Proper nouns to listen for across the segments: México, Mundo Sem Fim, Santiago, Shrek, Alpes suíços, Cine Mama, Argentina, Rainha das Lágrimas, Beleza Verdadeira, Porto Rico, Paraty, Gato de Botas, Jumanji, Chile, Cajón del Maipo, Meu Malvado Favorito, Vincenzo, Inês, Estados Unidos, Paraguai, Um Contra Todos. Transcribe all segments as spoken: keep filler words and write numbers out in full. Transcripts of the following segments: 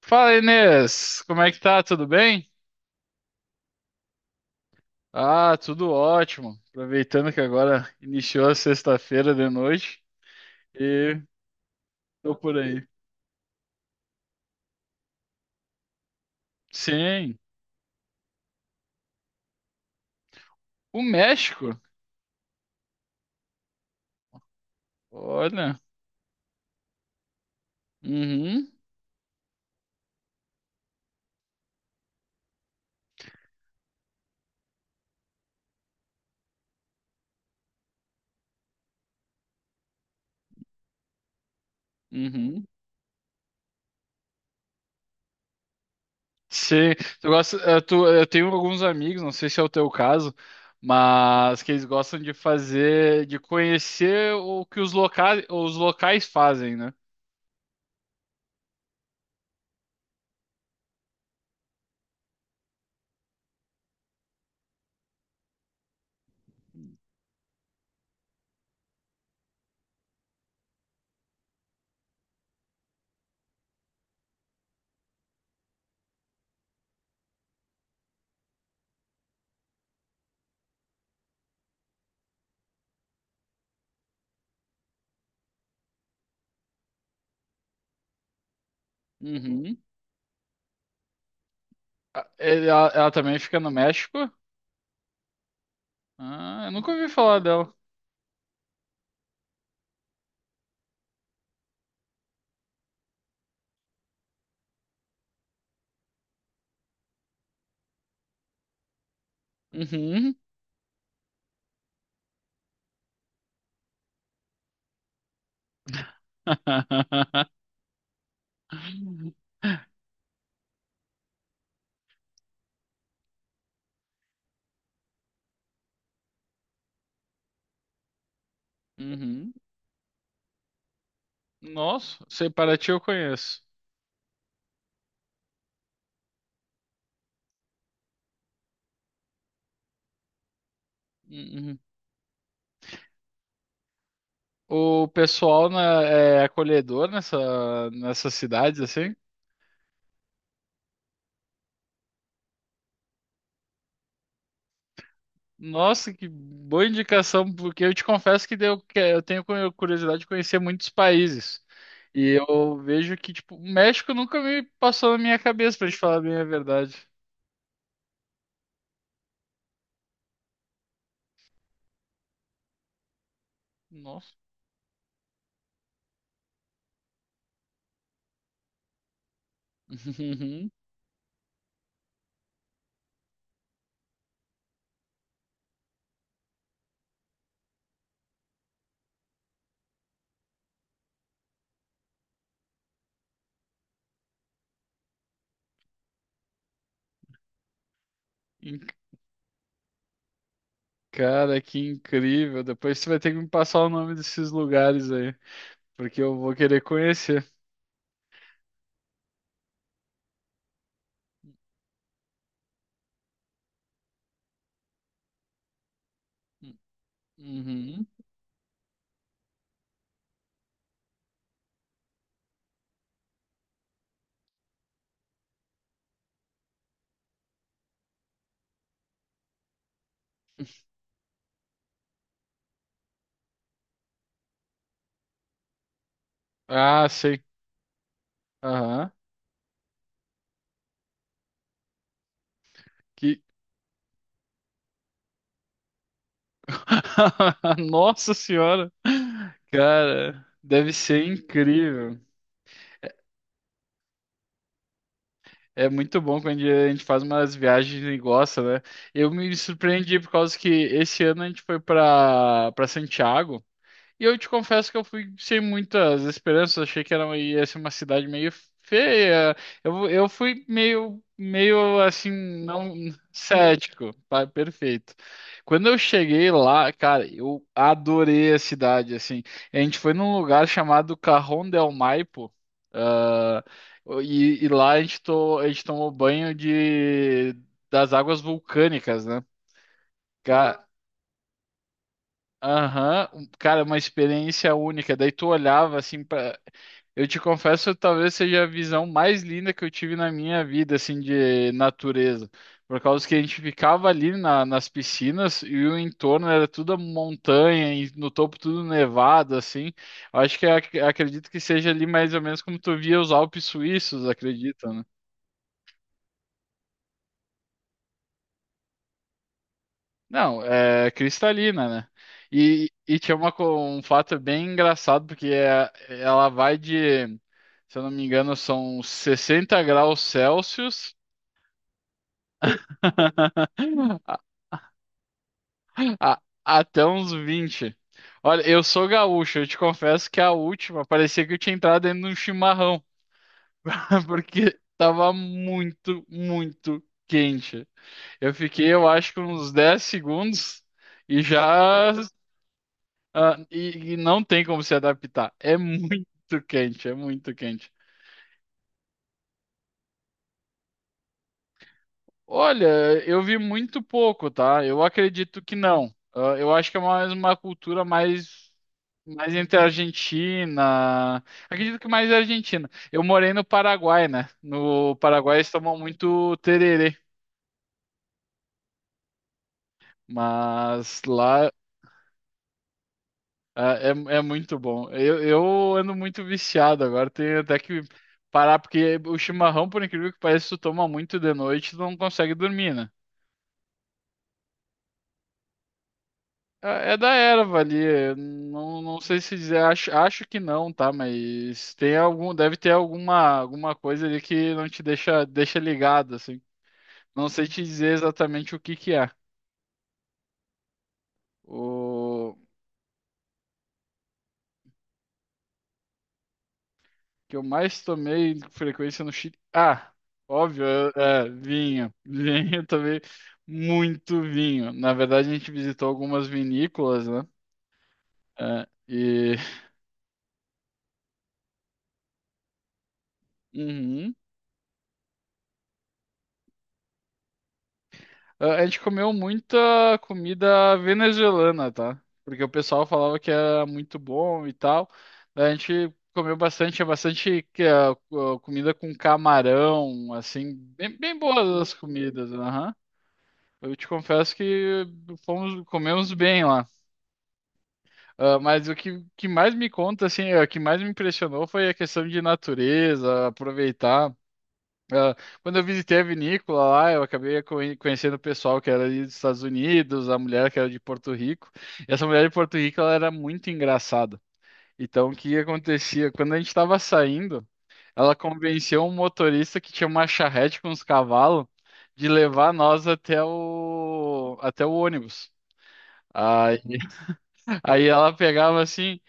Fala, Inês, como é que tá? Tudo bem? Ah, tudo ótimo. Aproveitando que agora iniciou a sexta-feira de noite e tô por aí. Sim, o México. Olha, uhum, uhum. Sim, tu gosta, eh, tu- eu tenho alguns amigos, não sei se é o teu caso, mas que eles gostam de fazer, de conhecer o que os locais, os locais fazem, né? Uhum. Ah, ele- ela, ela também fica no México? Ah, eu nunca ouvi falar dela. Uhum. Uhum. Nossa, sei, Paraty eu conheço. Uhum. O pessoal na- é acolhedor nessa, nessas cidades, assim? Nossa, que boa indicação, porque eu te confesso que eu, que- eu tenho cu- curiosidade de conhecer muitos países. E eu vejo que, tipo, o México nunca me passou na minha cabeça, pra te falar bem a verdade. Nossa. Uhum. Cara, que incrível. Depois você vai ter que me passar o nome desses lugares aí, porque eu vou querer conhecer. Uhum. Ah, sei. Aham. Que... Nossa Senhora! Cara, deve ser incrível. É muito bom quando a gente faz umas viagens e gosta, né? Eu me surpreendi por causa que esse ano a gente foi para para Santiago. E eu te confesso que eu fui sem muitas esperanças, achei que era, ia ser uma cidade meio feia. Eu, eu fui meio, meio assim, não cético, tá? Perfeito. Quando eu cheguei lá, cara, eu adorei a cidade, assim. A gente foi num lugar chamado Cajón del Maipo, ah, e, e lá a gente, to- a gente tomou banho de, das águas vulcânicas, né? Ca- Aham, um- cara, uma experiência única. Daí tu olhava assim pra. Eu te confesso, talvez seja a visão mais linda que eu tive na minha vida, assim, de natureza. Por causa que a gente ficava ali na- nas piscinas e o entorno era tudo montanha, e no topo tudo nevado, assim. Eu acho que ac- acredito que seja ali mais ou menos como tu via os Alpes suíços, acredito. Não, é cristalina, né? E, e tinha uma, co- um fato bem engraçado, porque é- ela vai de, se eu não me engano, são sessenta graus Celsius a- a- até uns vinte. Olha, eu sou gaúcho, eu te confesso que a última parecia que eu tinha entrado dentro de um chimarrão, porque tava muito, muito quente. Eu fiquei, eu acho que uns dez segundos e já. Ah, e, e não tem como se adaptar. É muito quente, é muito quente. Olha, eu vi muito pouco, tá? Eu acredito que não. Ah, eu acho que é mais uma cultura mais, mais entre a Argentina. Acredito que mais a Argentina. Eu morei no Paraguai, né? No Paraguai eles tomam muito tererê, mas lá. Ah, é, é muito bom. Eu, eu ando muito viciado agora, tenho até que parar, porque o chimarrão, por incrível que pareça, tu toma muito de noite, tu não consegue dormir, né? É é da erva ali, eu não, não sei se dizer, acho, acho que não, tá? Mas tem algum, deve ter alguma, alguma coisa ali que não te deixa, deixa ligado, assim. Não sei te dizer exatamente o que que é. O... que eu mais tomei com frequência no Chile. Ah, óbvio, é, é, vinho. Vinho, eu tomei muito vinho. Na verdade, a gente visitou algumas vinícolas, né? É, e uhum. Ah, a gente comeu muita comida venezuelana, tá? Porque o pessoal falava que era muito bom e tal. Daí a gente comeu bastante, é bastante que é, co- comida com camarão, assim, bem, bem boas as comidas, aham. Eu te confesso que fomos, comemos bem lá. Ah, mas o que, que mais me conta, assim, é, o que mais me impressionou foi a questão de natureza, aproveitar. Ah, quando eu visitei a vinícola lá, eu acabei conhe- conhecendo o pessoal que era ali dos Estados Unidos, a mulher que era de Porto Rico. E essa mulher de Porto Rico, ela era muito engraçada. Então, o que acontecia? Quando a gente estava saindo, ela convenceu um motorista que tinha uma charrete com os cavalos de levar nós até o, até o ônibus. Aí, aí ela pegava assim,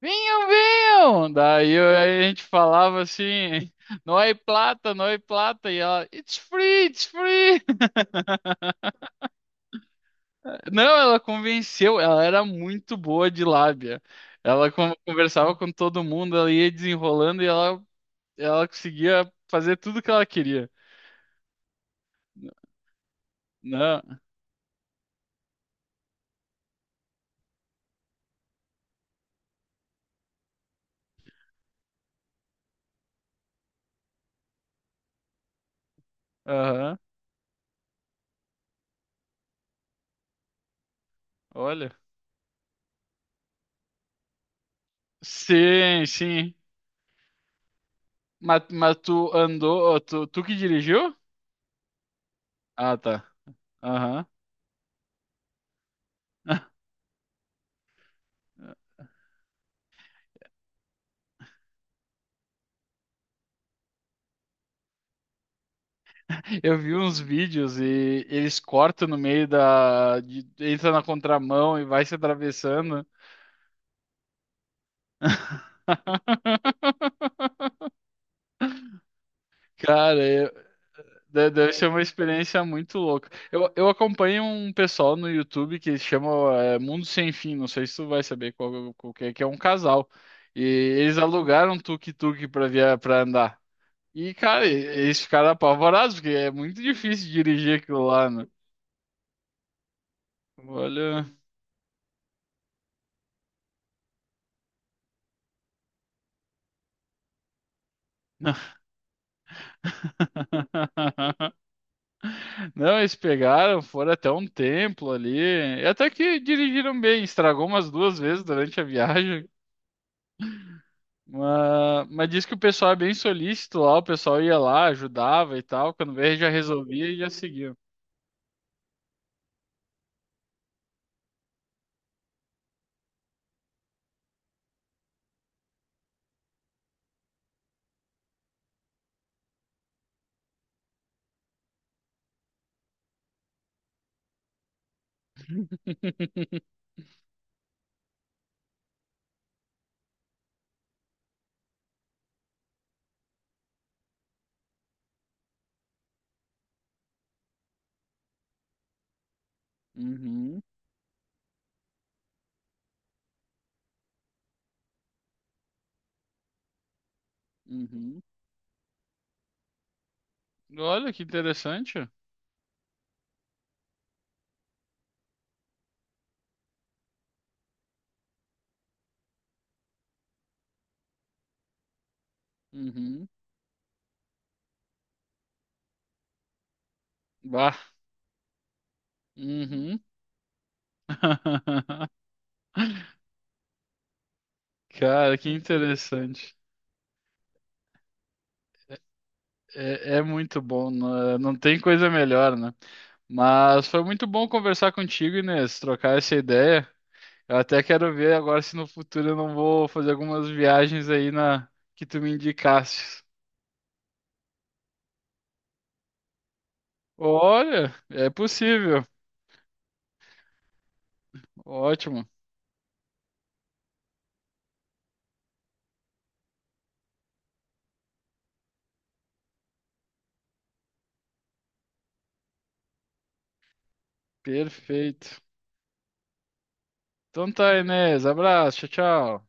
vinham, vinham! Daí eu- aí a gente falava assim, não é plata, não é plata, e ela, it's free, it's free! Não, ela convenceu, ela era muito boa de lábia. Ela con- conversava com todo mundo, ela ia desenrolando e ela, ela conseguia fazer tudo que ela queria. Não, aham, olha. Sim, sim. Mas, mas tu andou, tu, tu que dirigiu? Ah, tá. Aham. Eu vi uns vídeos e eles cortam no meio da. de- entra na contramão e vai se atravessando. Cara, eu- de- deve ser uma experiência muito louca. Eu, eu acompanho um pessoal no YouTube que chama é, Mundo Sem Fim, não sei se tu vai saber qual, qual que é, que é um casal. E eles alugaram um tuk-tuk pra, via- pra andar. E, cara, e- eles ficaram apavorados, porque é muito difícil dirigir aquilo lá, né? Olha. Não, eles pegaram, foram até um templo ali. E até que dirigiram bem, estragou umas duas vezes durante a viagem. Mas, mas diz que o pessoal é bem solícito lá, o pessoal ia lá, ajudava e tal. Quando veio, já resolvia e já seguia. Uhum, uhum. Olha que interessante. Uhum. Bah. Uhum. Cara, que interessante. É, é muito bom, né? Não tem coisa melhor, né? Mas foi muito bom conversar contigo, Inês, trocar essa ideia. Eu até quero ver agora se no futuro eu não vou fazer algumas viagens aí na que tu me indicaste. Olha, é possível. Ótimo. Perfeito. Então tá, Inês. Abraço. Tchau, tchau.